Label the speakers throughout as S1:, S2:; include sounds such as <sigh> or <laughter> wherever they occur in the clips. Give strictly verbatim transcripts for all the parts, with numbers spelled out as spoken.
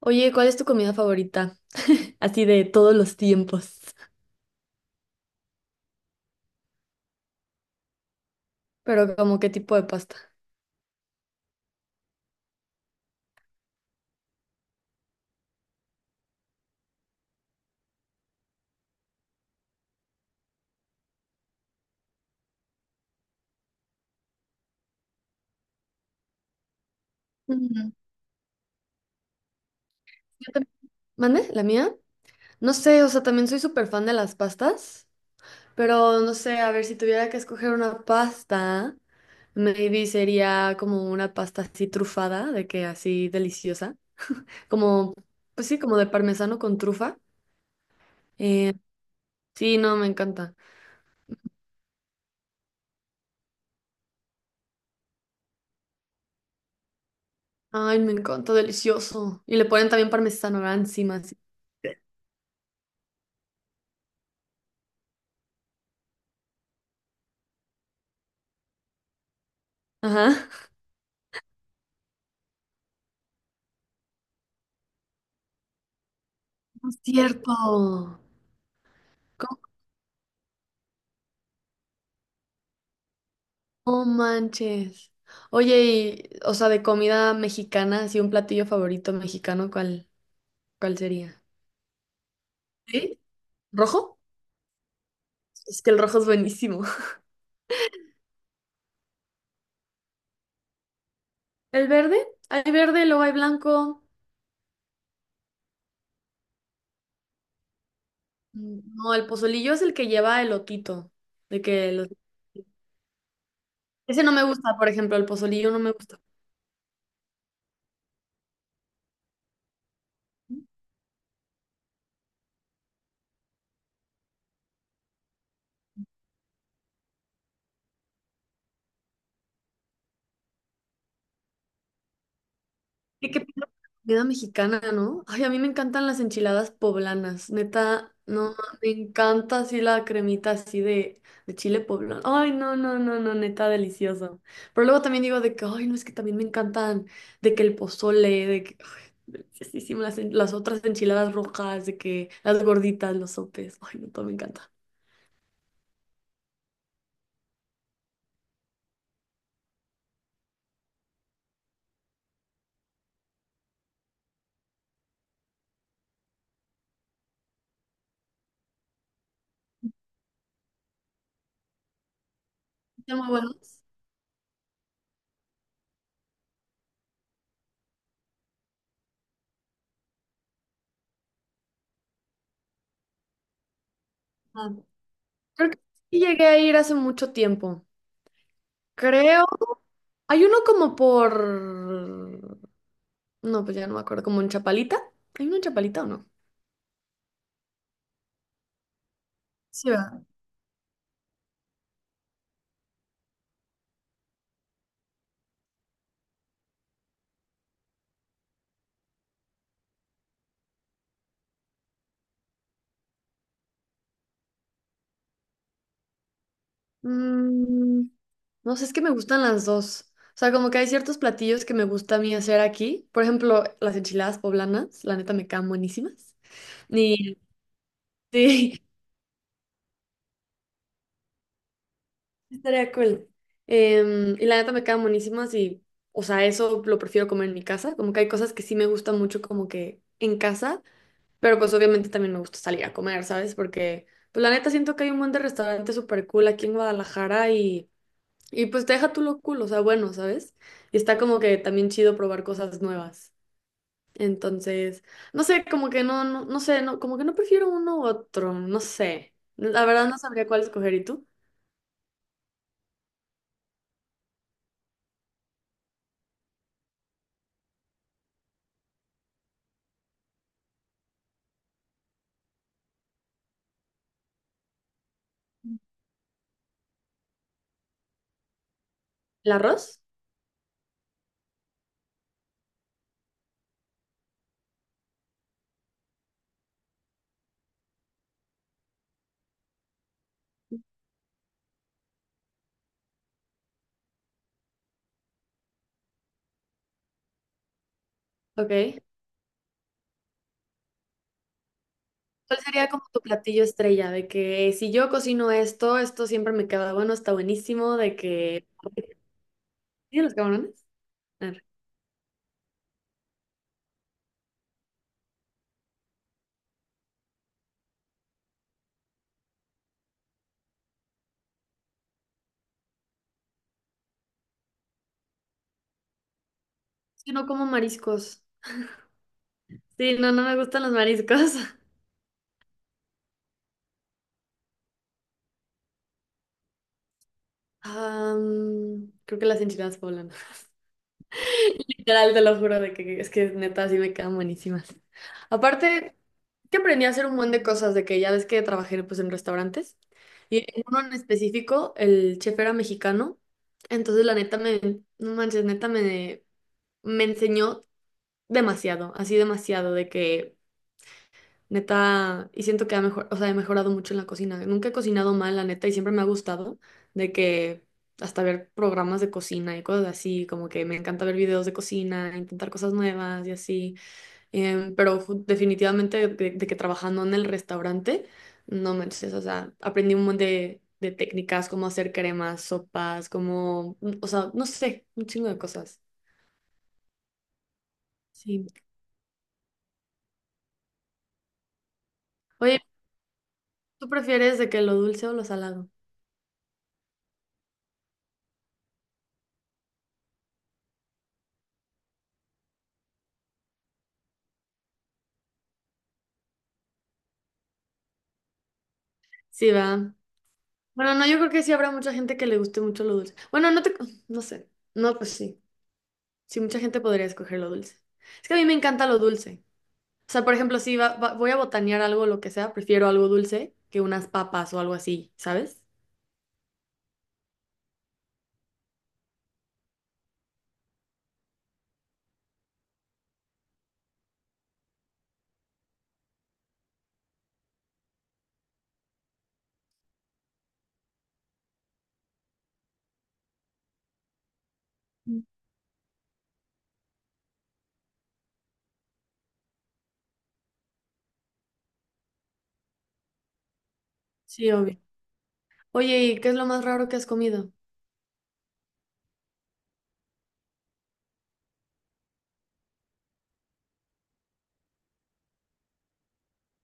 S1: Oye, ¿cuál es tu comida favorita? <laughs> Así de todos los tiempos. Pero como qué tipo de pasta. Mm, yo tam- ¿Mande? ¿La mía? No sé, o sea, también soy súper fan de las pastas. Pero no sé, a ver, si tuviera que escoger una pasta, maybe sería como una pasta así trufada, de que así deliciosa. Como, pues sí, como de parmesano con trufa. Eh, sí, no, me encanta. Ay, me encanta, delicioso. Y le ponen también parmesano, ¿verdad? Encima, así. Ajá. No es cierto. No manches. Oye, y, o sea, de comida mexicana, así un platillo favorito mexicano, ¿cuál, ¿cuál sería? ¿Sí? ¿Rojo? Es que el rojo es buenísimo. <laughs> ¿El verde? Hay verde, luego hay blanco. Mm, No, el pozolillo es el que lleva elotito. De que los- Ese no me gusta, por ejemplo, el pozolillo no me gusta. ¿Qué, ¿qué piensas de la comida mexicana, no? Ay, a mí me encantan las enchiladas poblanas, neta, no, me encanta así la cremita así de, de chile poblano. Ay, no, no, no, no, neta, delicioso. Pero luego también digo de que, ay, no, es que también me encantan, de que el pozole, de que, ay, deliciosísimo, las, en- las otras enchiladas rojas, de que las gorditas, los sopes, ay, no, todo me encanta. Están muy buenos. Ah, creo que sí llegué a ir hace mucho tiempo. Creo. Hay uno como por No, pues ya no me acuerdo. ¿Como en Chapalita? ¿Hay una en Chapalita o no? Sí, va. Mm, no sé, es que me gustan las dos. O sea, como que hay ciertos platillos que me gusta a mí hacer aquí. Por ejemplo, las enchiladas poblanas, la neta me quedan buenísimas. Ni, sí, <laughs> estaría cool. Em, y la neta me quedan buenísimas y, o sea, eso lo prefiero comer en mi casa. Como que hay cosas que sí me gustan mucho como que en casa, pero pues obviamente también me gusta salir a comer, ¿sabes? Porque, pues la neta siento que hay un montón de restaurantes súper cool aquí en Guadalajara y Y pues te deja tú lo cool, o sea, bueno, ¿sabes? Y está como que también chido probar cosas nuevas. Entonces, no sé, como que no, no, no sé, no, como que no prefiero uno u otro, no sé. La verdad no sabría cuál escoger. ¿Y tú? ¿El arroz? Ok. ¿Cuál sería como tu platillo estrella? De que si yo cocino esto, esto siempre me queda bueno, está buenísimo, de que... ¿Sí, los camarones? Arre. Es que no como mariscos. Sí, no, no me gustan los mariscos. <laughs> Am, creo que las enchiladas poblanas. Literal, te lo juro de que es que neta sí me quedan buenísimas. Aparte, que aprendí a hacer un montón de cosas de que ya ves que trabajé pues en restaurantes y en uno en específico el chef era mexicano, entonces la neta me no manches, neta me me enseñó demasiado, así demasiado de que Neta, y siento que ha mejor, o sea, he mejorado mucho en la cocina. Nunca he cocinado mal, la neta, y siempre me ha gustado de que hasta ver programas de cocina y cosas así, como que me encanta ver videos de cocina, intentar cosas nuevas y así. Em, pero ju- definitivamente de, de que trabajando en el restaurante, no me o sea, aprendí un montón de, de técnicas, cómo hacer cremas, sopas, cómo, mm, o sea, no sé, un chingo de cosas. Sí. Oye, ¿tú prefieres de que lo dulce o lo salado? Sí, va. Bueno, no, yo creo que sí habrá mucha gente que le guste mucho lo dulce. Bueno, no te, no sé. No, pues sí. Sí, mucha gente podría escoger lo dulce. Es que a mí me encanta lo dulce. O sea, por ejemplo, si va- va- voy a botanear algo, lo que sea, prefiero algo dulce que unas papas o algo así, ¿sabes? Sí, obvio. Oye, ¿y qué es lo más raro que has comido?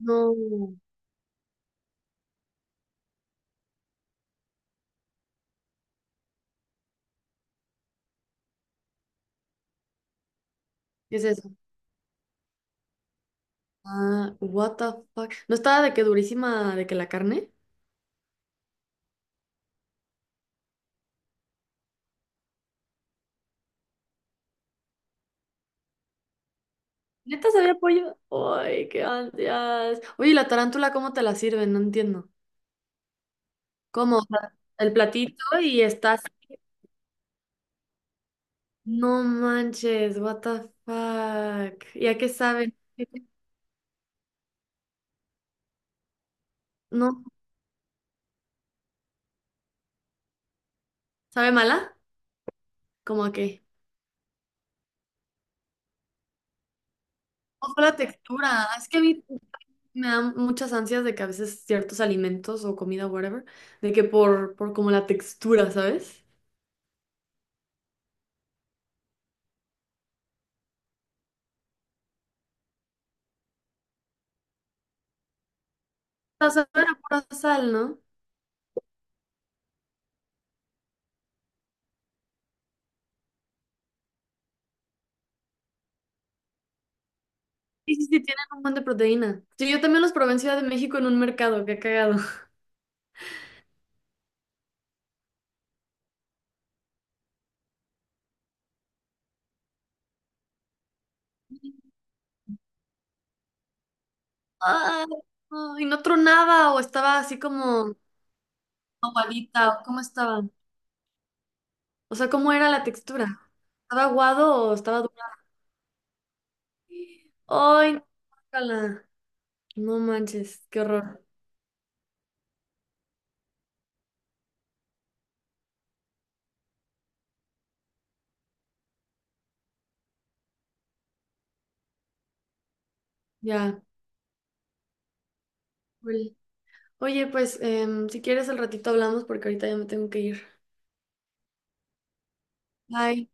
S1: No, ¿qué es eso? Ah, what the fuck. ¿No estaba de que durísima de que la carne? ¿Neta sabía pollo? Ay, qué ansias. Oye, ¿y la tarántula cómo te la sirven? No entiendo. Como el platito y estás. No manches, what the fuck. ¿Y a qué sabe? ¿No? ¿Sabe mala? ¿Cómo a qué? ¿Cómo fue la textura? Es que a mí me dan muchas ansias de que a veces ciertos alimentos o comida, whatever, de que por, por como la textura, ¿sabes? O sea, saben a pura sal, ¿no? Sí, sí, sí, tienen un buen de proteína. Sí, yo también los probé en Ciudad de México en un mercado, qué cagado. <laughs> Ay, no, y no tronaba o estaba así como aguadita, ¿cómo estaba? O sea, ¿cómo era la textura? ¿Estaba aguado o estaba dura? ¡Ay, no! ¡Guácala! No manches, qué horror. Ya. Ul. Oye, pues, em, si quieres al ratito hablamos porque ahorita ya me tengo que ir. Bye.